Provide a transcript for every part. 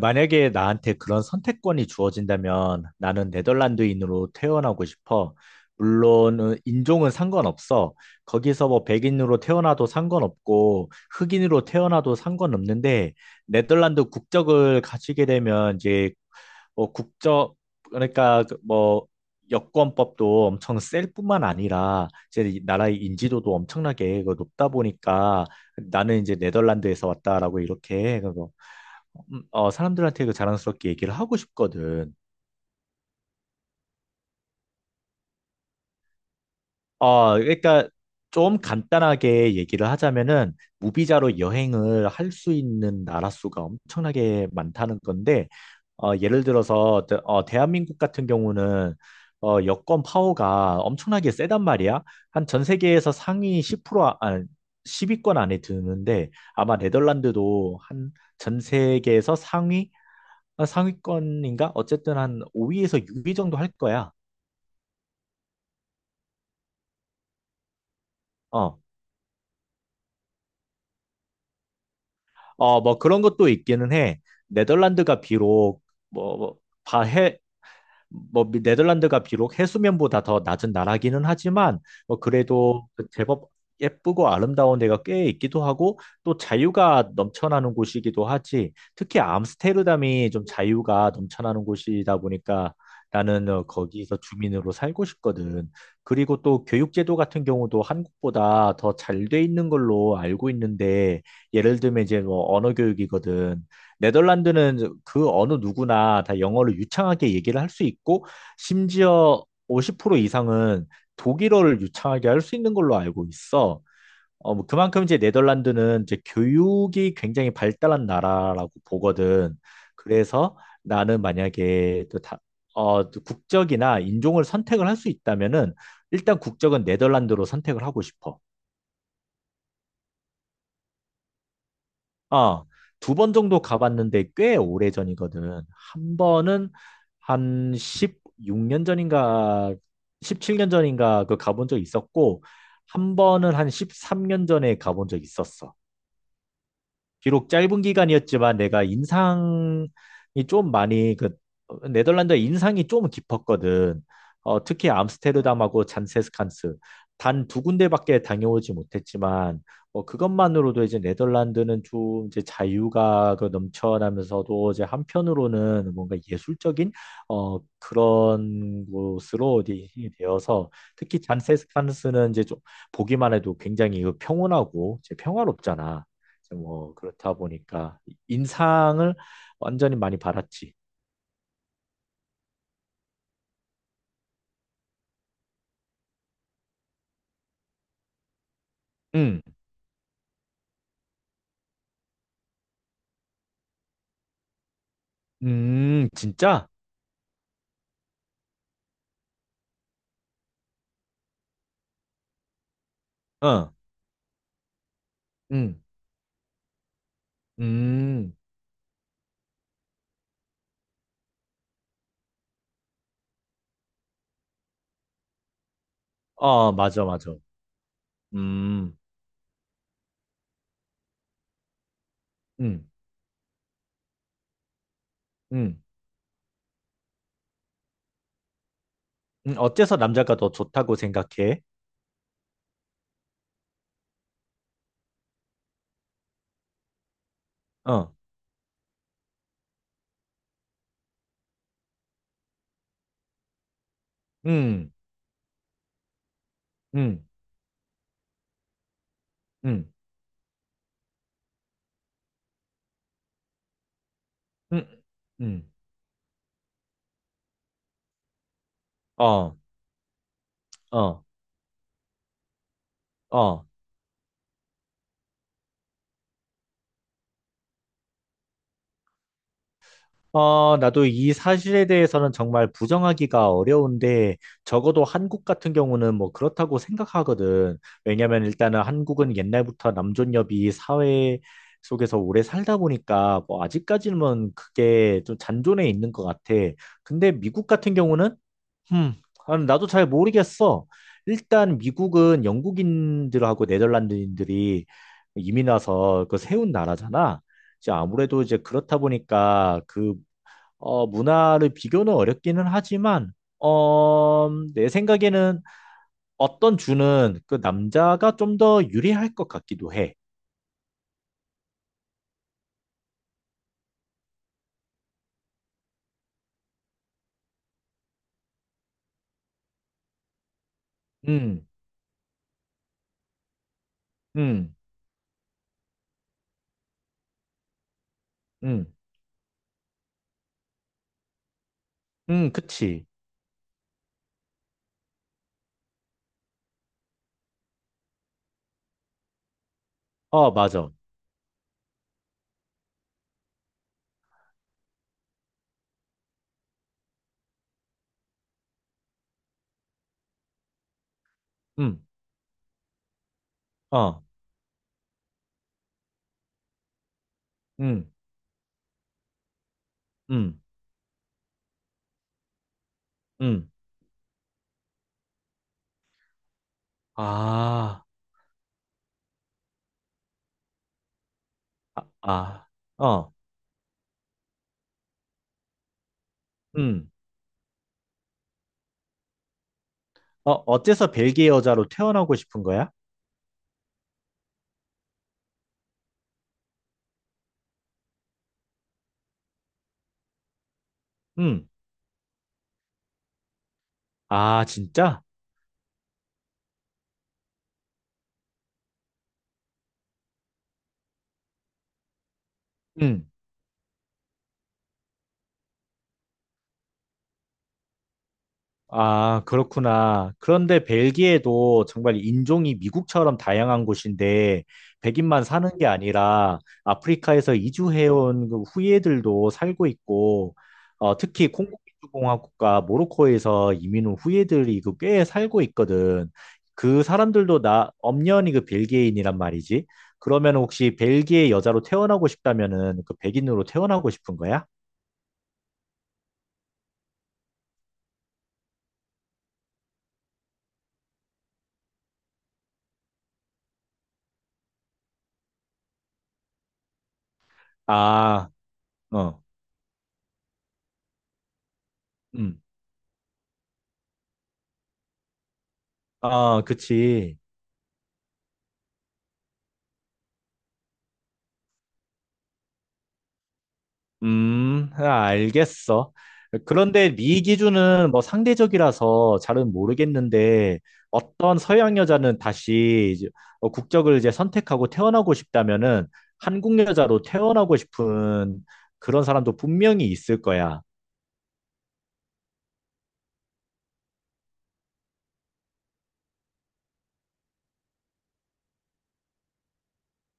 만약에 나한테 그런 선택권이 주어진다면 나는 네덜란드인으로 태어나고 싶어. 물론 인종은 상관없어. 거기서 뭐 백인으로 태어나도 상관없고 흑인으로 태어나도 상관없는데 네덜란드 국적을 가지게 되면 이제 뭐 국적 그러니까 그뭐 여권법도 엄청 셀 뿐만 아니라 이제 이 나라의 인지도도 엄청나게 그 높다 보니까 나는 이제 네덜란드에서 왔다라고 이렇게 사람들한테 그 자랑스럽게 얘기를 하고 싶거든. 그러니까 좀 간단하게 얘기를 하자면은 무비자로 여행을 할 수 있는 나라 수가 엄청나게 많다는 건데, 예를 들어서 대한민국 같은 경우는 여권 파워가 엄청나게 세단 말이야. 한 전 세계에서 상위 10% 아십 위권 안에 드는데 아마 네덜란드도 한 전 세계에서 상위 상위권인가? 어쨌든 한 5위에서 6위 정도 할 거야. 어, 뭐 그런 것도 있기는 해. 네덜란드가 비록 뭐, 뭐, 뭐 네덜란드가 비록 해수면보다 더 낮은 나라기는 하지만 뭐 그래도 그 제법 예쁘고 아름다운 데가 꽤 있기도 하고 또 자유가 넘쳐나는 곳이기도 하지. 특히 암스테르담이 좀 자유가 넘쳐나는 곳이다 보니까 나는 거기서 주민으로 살고 싶거든. 그리고 또 교육제도 같은 경우도 한국보다 더 잘 돼 있는 걸로 알고 있는데 예를 들면 이제 뭐 언어 교육이거든. 네덜란드는 그 어느 누구나 다 영어를 유창하게 얘기를 할 수 있고, 심지어 50% 이상은 독일어를 유창하게 할 수 있는 걸로 알고 있어. 뭐 그만큼 이제 네덜란드는 이제 교육이 굉장히 발달한 나라라고 보거든. 그래서 나는 만약에 또 국적이나 인종을 선택을 할 수 있다면은 일단 국적은 네덜란드로 선택을 하고 싶어. 아, 두 번 정도 가봤는데 꽤 오래전이거든. 한 번은 한 16년 전인가 17년 전인가 그 가본 적 있었고 한 번은 한 13년 전에 가본 적 있었어. 비록 짧은 기간이었지만 내가 인상이 좀 많이 그 네덜란드의 인상이 좀 깊었거든. 특히 암스테르담하고 잔세스칸스 단 두 군데밖에 다녀오지 못했지만 그것만으로도 이제 네덜란드는 좀 이제 자유가 그 넘쳐나면서도 이제 한편으로는 뭔가 예술적인 그런 곳으로 이제 되어서 특히 잔세스칸스는 이제 좀 보기만 해도 굉장히 그 평온하고 이제 평화롭잖아. 이제 뭐 그렇다 보니까 인상을 완전히 많이 받았지. 응, 진짜? 어, 응, 음, 어, 맞아, 맞아. 음, 음, 음, 어째서 남자가 더 좋다고 생각해? 어, 음, 음, 음, 음, 음, 어, 어, 어, 나도 이 사실에 대해서는 정말 부정하기가 어려운데, 적어도 한국 같은 경우는 뭐 그렇다고 생각하거든. 왜냐면 일단은 한국은 옛날부터 남존여비 사회 속에서 오래 살다 보니까, 뭐 아직까지는 그게 좀 잔존해 있는 것 같아. 근데 미국 같은 경우는, 음, 아, 나도 잘 모르겠어. 일단 미국은 영국인들하고 네덜란드인들이 이민 와서 그 세운 나라잖아. 이제 아무래도 이제 그렇다 보니까 그 문화를 비교는 어렵기는 하지만, 어, 내 생각에는 어떤 주는 그 남자가 좀 더 유리할 것 같기도 해. 음, 음, 음, 그치. 어, 맞아. 음, 어, 음, 음, 음. 아, 아, 아, 어, 음. 어째서 벨기에 여자로 태어나고 싶은 거야? 음. 아, 진짜? 음. 아, 그렇구나. 그런데 벨기에도 정말 인종이 미국처럼 다양한 곳인데 백인만 사는 게 아니라 아프리카에서 이주해온 그 후예들도 살고 있고 특히 콩고민주공화국과 모로코에서 이민 온 후예들이 그 꽤 살고 있거든. 그 사람들도 나 엄연히 그 벨기에인이란 말이지. 그러면 혹시 벨기에 여자로 태어나고 싶다면은 그 백인으로 태어나고 싶은 거야? 아, 어, 음, 아, 그치. 아, 알겠어. 그런데 네 기준은 뭐 상대적이라서 잘은 모르겠는데 어떤 서양 여자는 다시 이제 국적을 이제 선택하고 태어나고 싶다면은 한국 여자로 태어나고 싶은 그런 사람도 분명히 있을 거야.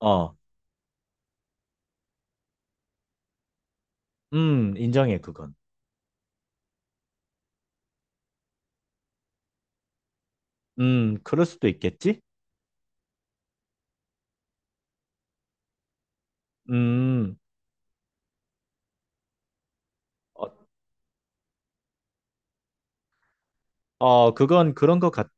어, 인정해, 그건. 그럴 수도 있겠지? 음, 어, 그건 그런 것 같아.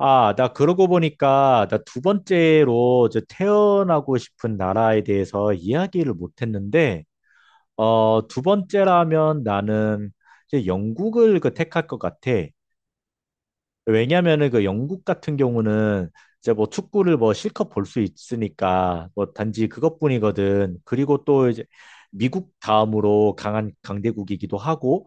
아, 나 그러고 보니까 나 두 번째로 저 태어나고 싶은 나라에 대해서 이야기를 못 했는데, 두 번째라면 나는 이제 영국을 그 택할 것 같아. 왜냐면은 그 영국 같은 경우는 이제 뭐 축구를 뭐 실컷 볼 수 있으니까 뭐 단지 그것뿐이거든. 그리고 또 이제 미국 다음으로 강한 강대국이기도 하고,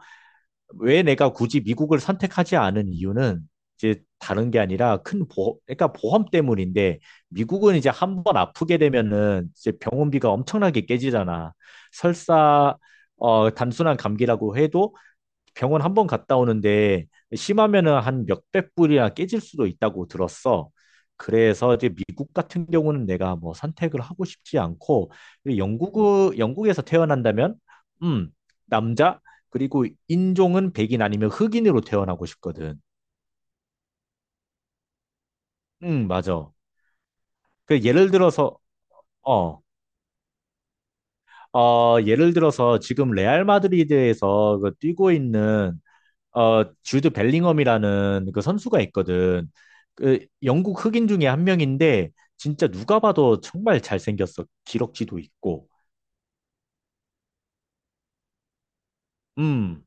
왜 내가 굳이 미국을 선택하지 않은 이유는 이제 다른 게 아니라 큰 보험, 그러니까 보험 때문인데 미국은 이제 한번 아프게 되면은 이제 병원비가 엄청나게 깨지잖아. 설사 단순한 감기라고 해도 병원 한 번 갔다 오는데 심하면은 한 몇백 불이나 깨질 수도 있다고 들었어. 그래서 이제 미국 같은 경우는 내가 뭐 선택을 하고 싶지 않고 영국 영국에서 태어난다면 음 남자 그리고 인종은 백인 아니면 흑인으로 태어나고 싶거든. 맞아. 그 예를 들어서 어, 예를 들어서 지금 레알 마드리드에서 그 뛰고 있는 주드 벨링엄이라는 그 선수가 있거든. 그 영국 흑인 중에 한 명인데 진짜 누가 봐도 정말 잘생겼어. 기럭지도 있고. 음,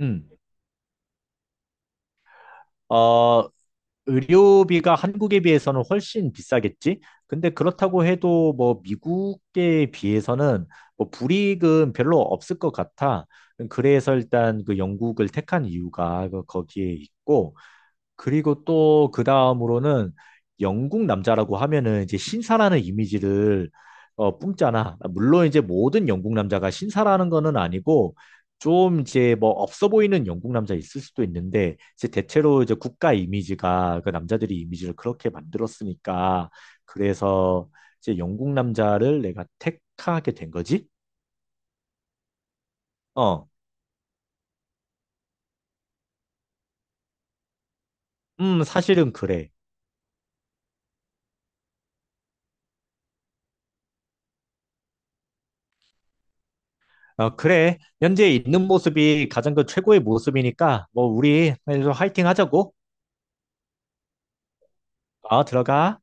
음. 어, 의료비가 한국에 비해서는 훨씬 비싸겠지? 근데 그렇다고 해도 뭐 미국에 비해서는 뭐 불이익은 별로 없을 것 같아. 그래서 일단 그 영국을 택한 이유가 그 거기에 있고 그리고 또 그 다음으로는 영국 남자라고 하면은 이제 신사라는 이미지를 뿜잖아. 물론 이제 모든 영국 남자가 신사라는 거는 아니고 좀 이제 뭐 없어 보이는 영국 남자 있을 수도 있는데 이제 대체로 이제 국가 이미지가 그 남자들이 이미지를 그렇게 만들었으니까 그래서 이제 영국 남자를 내가 택하게 된 거지? 어, 사실은 그래. 어, 그래. 현재 있는 모습이 가장 그 최고의 모습이니까, 뭐, 우리 화이팅 하자고. 들어가.